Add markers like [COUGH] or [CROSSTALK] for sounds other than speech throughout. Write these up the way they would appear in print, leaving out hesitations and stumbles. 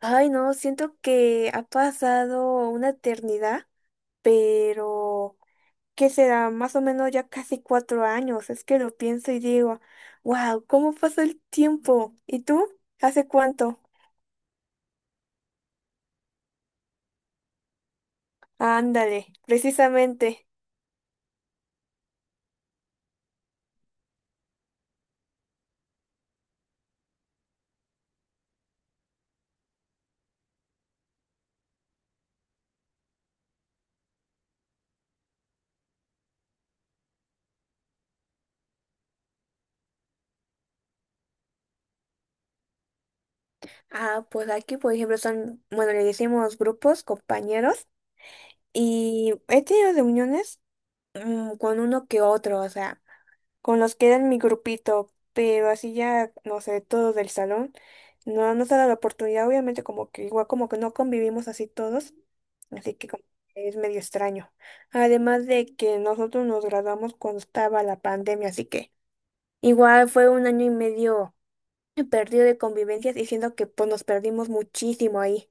Ay, no, siento que ha pasado una eternidad, pero ¿qué será? Más o menos ya casi 4 años. Es que lo pienso y digo, wow, ¿cómo pasa el tiempo? ¿Y tú? ¿Hace cuánto? Ándale, precisamente. Ah, pues aquí, por ejemplo, son, bueno, le decimos grupos, compañeros, y he tenido reuniones con uno que otro, o sea, con los que era en mi grupito, pero así ya, no sé, todos del salón, no nos ha dado la oportunidad, obviamente como que igual como que no convivimos así todos, así que como que es medio extraño. Además de que nosotros nos graduamos cuando estaba la pandemia, así que igual fue un año y medio perdido de convivencias, diciendo que pues nos perdimos muchísimo ahí.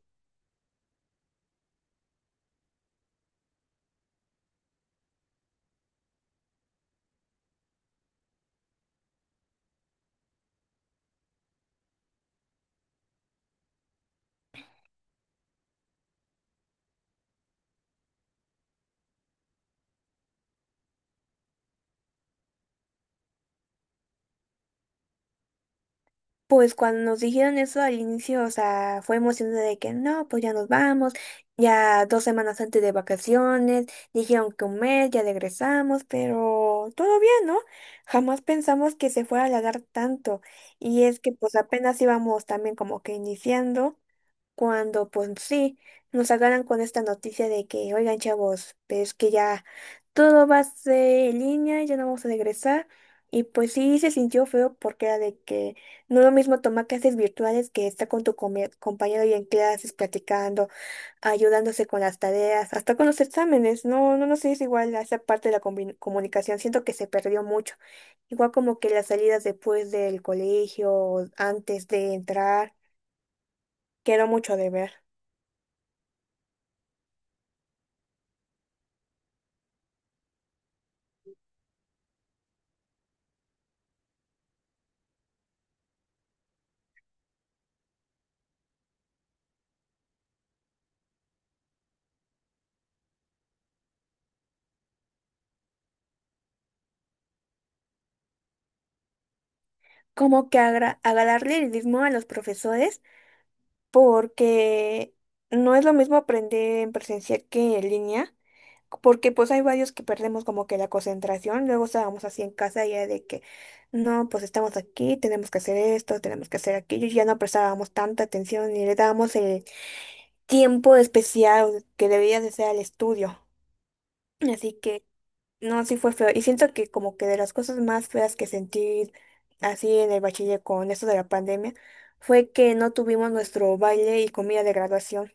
Pues cuando nos dijeron eso al inicio, o sea, fue emocionante de que no, pues ya nos vamos, ya 2 semanas antes de vacaciones, dijeron que un mes, ya regresamos, pero todo bien, ¿no? Jamás pensamos que se fuera a alargar tanto. Y es que pues apenas íbamos también como que iniciando cuando pues sí, nos agarran con esta noticia de que, oigan chavos, pues que ya todo va a ser en línea, ya no vamos a regresar. Y pues sí se sintió feo porque era de que no es lo mismo tomar clases virtuales que estar con tu compañero y en clases platicando, ayudándose con las tareas, hasta con los exámenes. No, no, no sé, es igual a esa parte de la comunicación, siento que se perdió mucho. Igual como que las salidas después del colegio, antes de entrar, quedó mucho de ver. Como que agarrarle el ritmo a los profesores, porque no es lo mismo aprender en presencial que en línea, porque pues hay varios que perdemos como que la concentración, luego estábamos así en casa ya de que, no, pues estamos aquí, tenemos que hacer esto, tenemos que hacer aquello, y ya no prestábamos tanta atención ni le dábamos el tiempo especial que debía de ser al estudio. Así que... No, sí fue feo. Y siento que como que de las cosas más feas que sentí así en el bachiller con esto de la pandemia fue que no tuvimos nuestro baile y comida de graduación.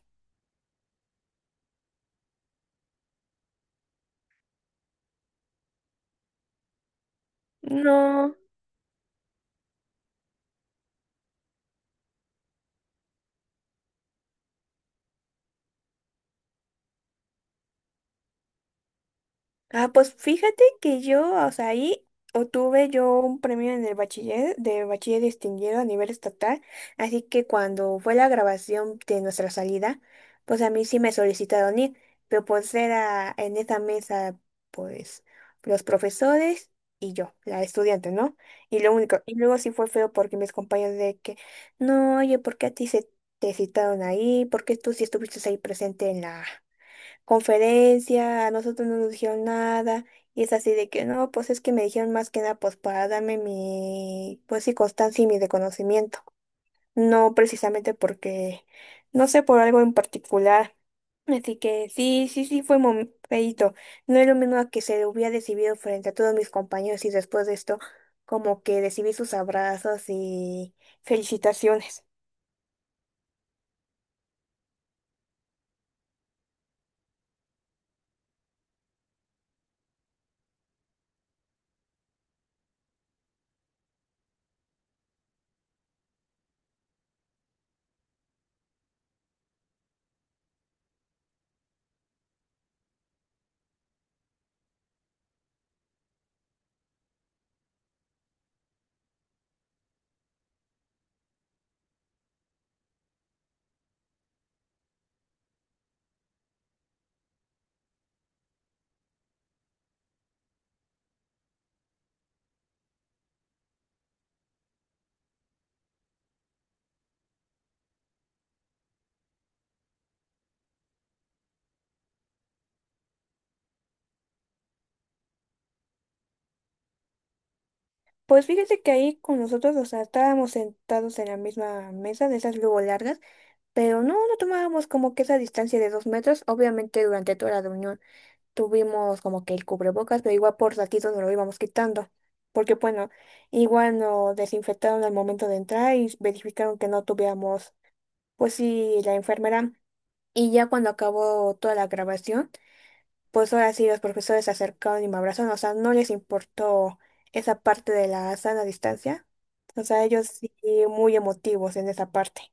No. Ah, pues fíjate que yo, o sea, ahí obtuve yo un premio en el bachiller, de bachiller distinguido a nivel estatal, así que cuando fue la grabación de nuestra salida, pues a mí sí me solicitaron ir, pero pues era en esa mesa, pues, los profesores y yo, la estudiante, ¿no? Y lo único, y luego sí fue feo porque mis compañeros de que, no, oye, ¿por qué a ti se te citaron ahí? ¿Por qué tú sí estuviste ahí presente en la conferencia, a nosotros no nos dijeron nada, y es así de que no, pues es que me dijeron más que nada pues para darme mi, pues sí, constancia y mi reconocimiento, no precisamente porque, no sé, por algo en particular. Así que sí, sí, sí, fue feíto. No es lo mismo a que se le hubiera recibido frente a todos mis compañeros y después de esto, como que recibí sus abrazos y felicitaciones. Pues fíjate que ahí con nosotros, o sea, estábamos sentados en la misma mesa de esas luego largas. Pero no, no tomábamos como que esa distancia de 2 metros. Obviamente durante toda la reunión tuvimos como que el cubrebocas, pero igual por ratitos nos lo íbamos quitando. Porque bueno, igual nos desinfectaron al momento de entrar y verificaron que no tuviéramos, pues sí, la enfermera. Y ya cuando acabó toda la grabación, pues ahora sí los profesores se acercaron y me abrazaron. O sea, no les importó esa parte de la sana distancia. O sea, ellos sí muy emotivos en esa parte.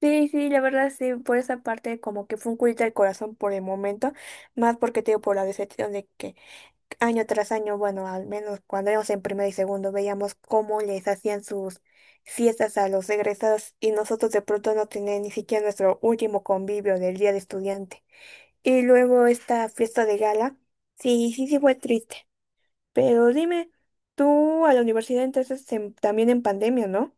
Sí, sí, la verdad sí, por esa parte como que fue un culito al corazón por el momento, más porque te digo por la decepción de que año tras año, bueno, al menos cuando éramos en primero y segundo, veíamos cómo les hacían sus fiestas a los egresados y nosotros de pronto no teníamos ni siquiera nuestro último convivio del día de estudiante. Y luego esta fiesta de gala, sí, sí, sí fue triste, pero dime, tú a la universidad entonces también en pandemia, ¿no?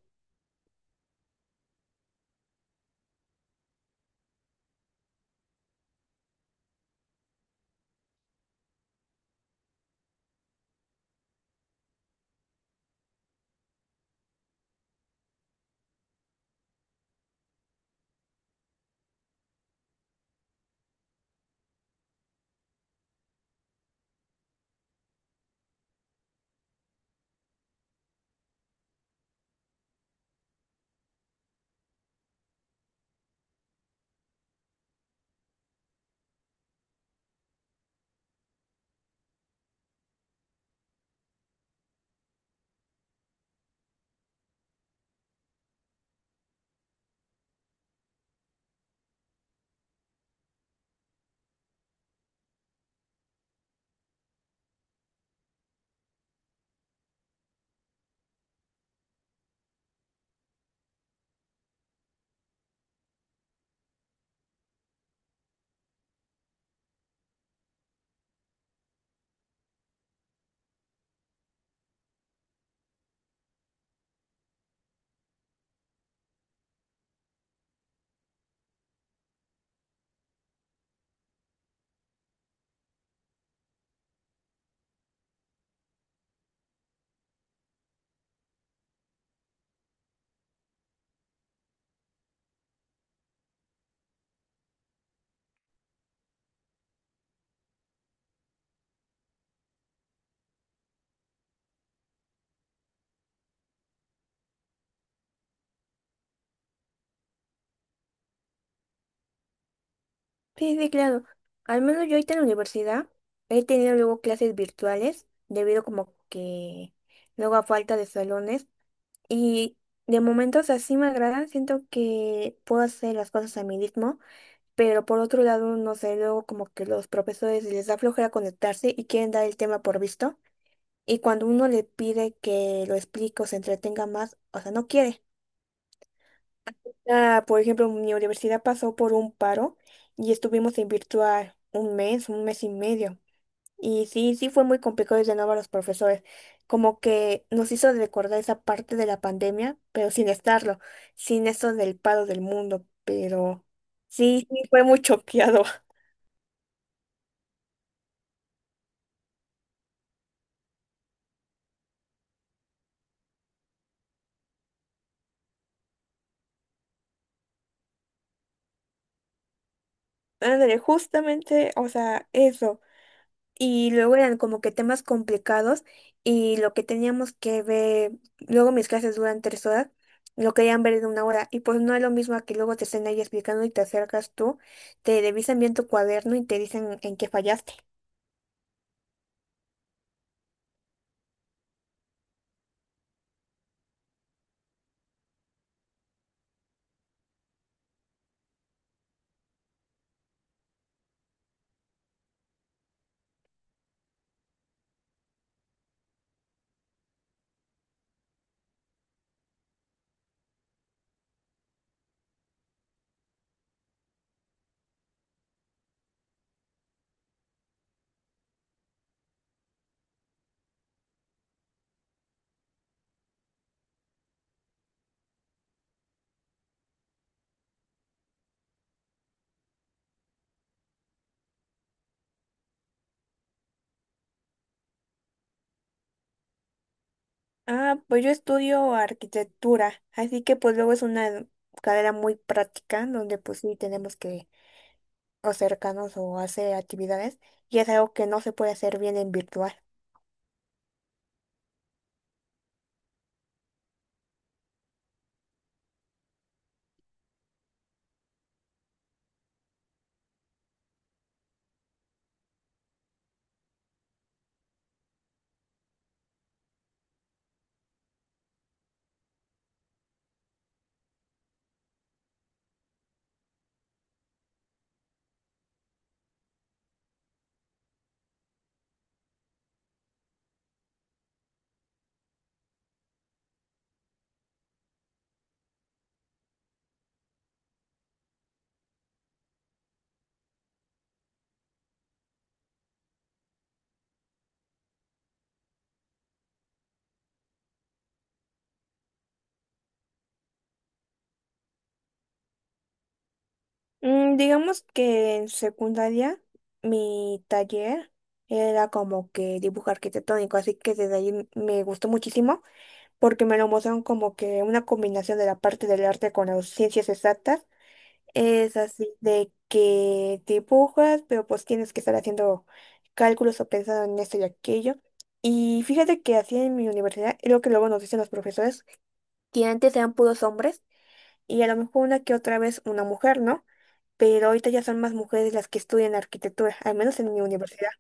Sí, sí, claro. Al menos yo ahorita en la universidad he tenido luego clases virtuales debido como que luego a falta de salones y de momentos así me agradan, siento que puedo hacer las cosas a mi ritmo, pero por otro lado, no sé, luego como que los profesores les da flojera conectarse y quieren dar el tema por visto y cuando uno le pide que lo explique o se entretenga más, o sea, no quiere. Ah, por ejemplo, mi universidad pasó por un paro y estuvimos en virtual un mes y medio. Y sí, sí fue muy complicado de nuevo a los profesores. Como que nos hizo recordar esa parte de la pandemia, pero sin estarlo, sin eso del paro del mundo. Pero sí, sí fue muy choqueado. [LAUGHS] Ándale, justamente, o sea, eso. Y luego eran como que temas complicados y lo que teníamos que ver, luego mis clases duran 3 horas, lo querían ver en una hora y pues no es lo mismo a que luego te estén ahí explicando y te acercas tú, te revisan bien tu cuaderno y te dicen en qué fallaste. Ah, pues yo estudio arquitectura, así que pues luego es una carrera muy práctica donde pues sí tenemos que acercarnos o hacer actividades y es algo que no se puede hacer bien en virtual. Digamos que en secundaria mi taller era como que dibujo arquitectónico, así que desde ahí me gustó muchísimo porque me lo mostraron como que una combinación de la parte del arte con las ciencias exactas. Es así de que dibujas, pero pues tienes que estar haciendo cálculos o pensando en esto y aquello. Y fíjate que así en mi universidad, es lo que luego nos dicen los profesores, que antes eran puros hombres y a lo mejor una que otra vez una mujer, ¿no? Pero ahorita ya son más mujeres las que estudian arquitectura, al menos en mi universidad.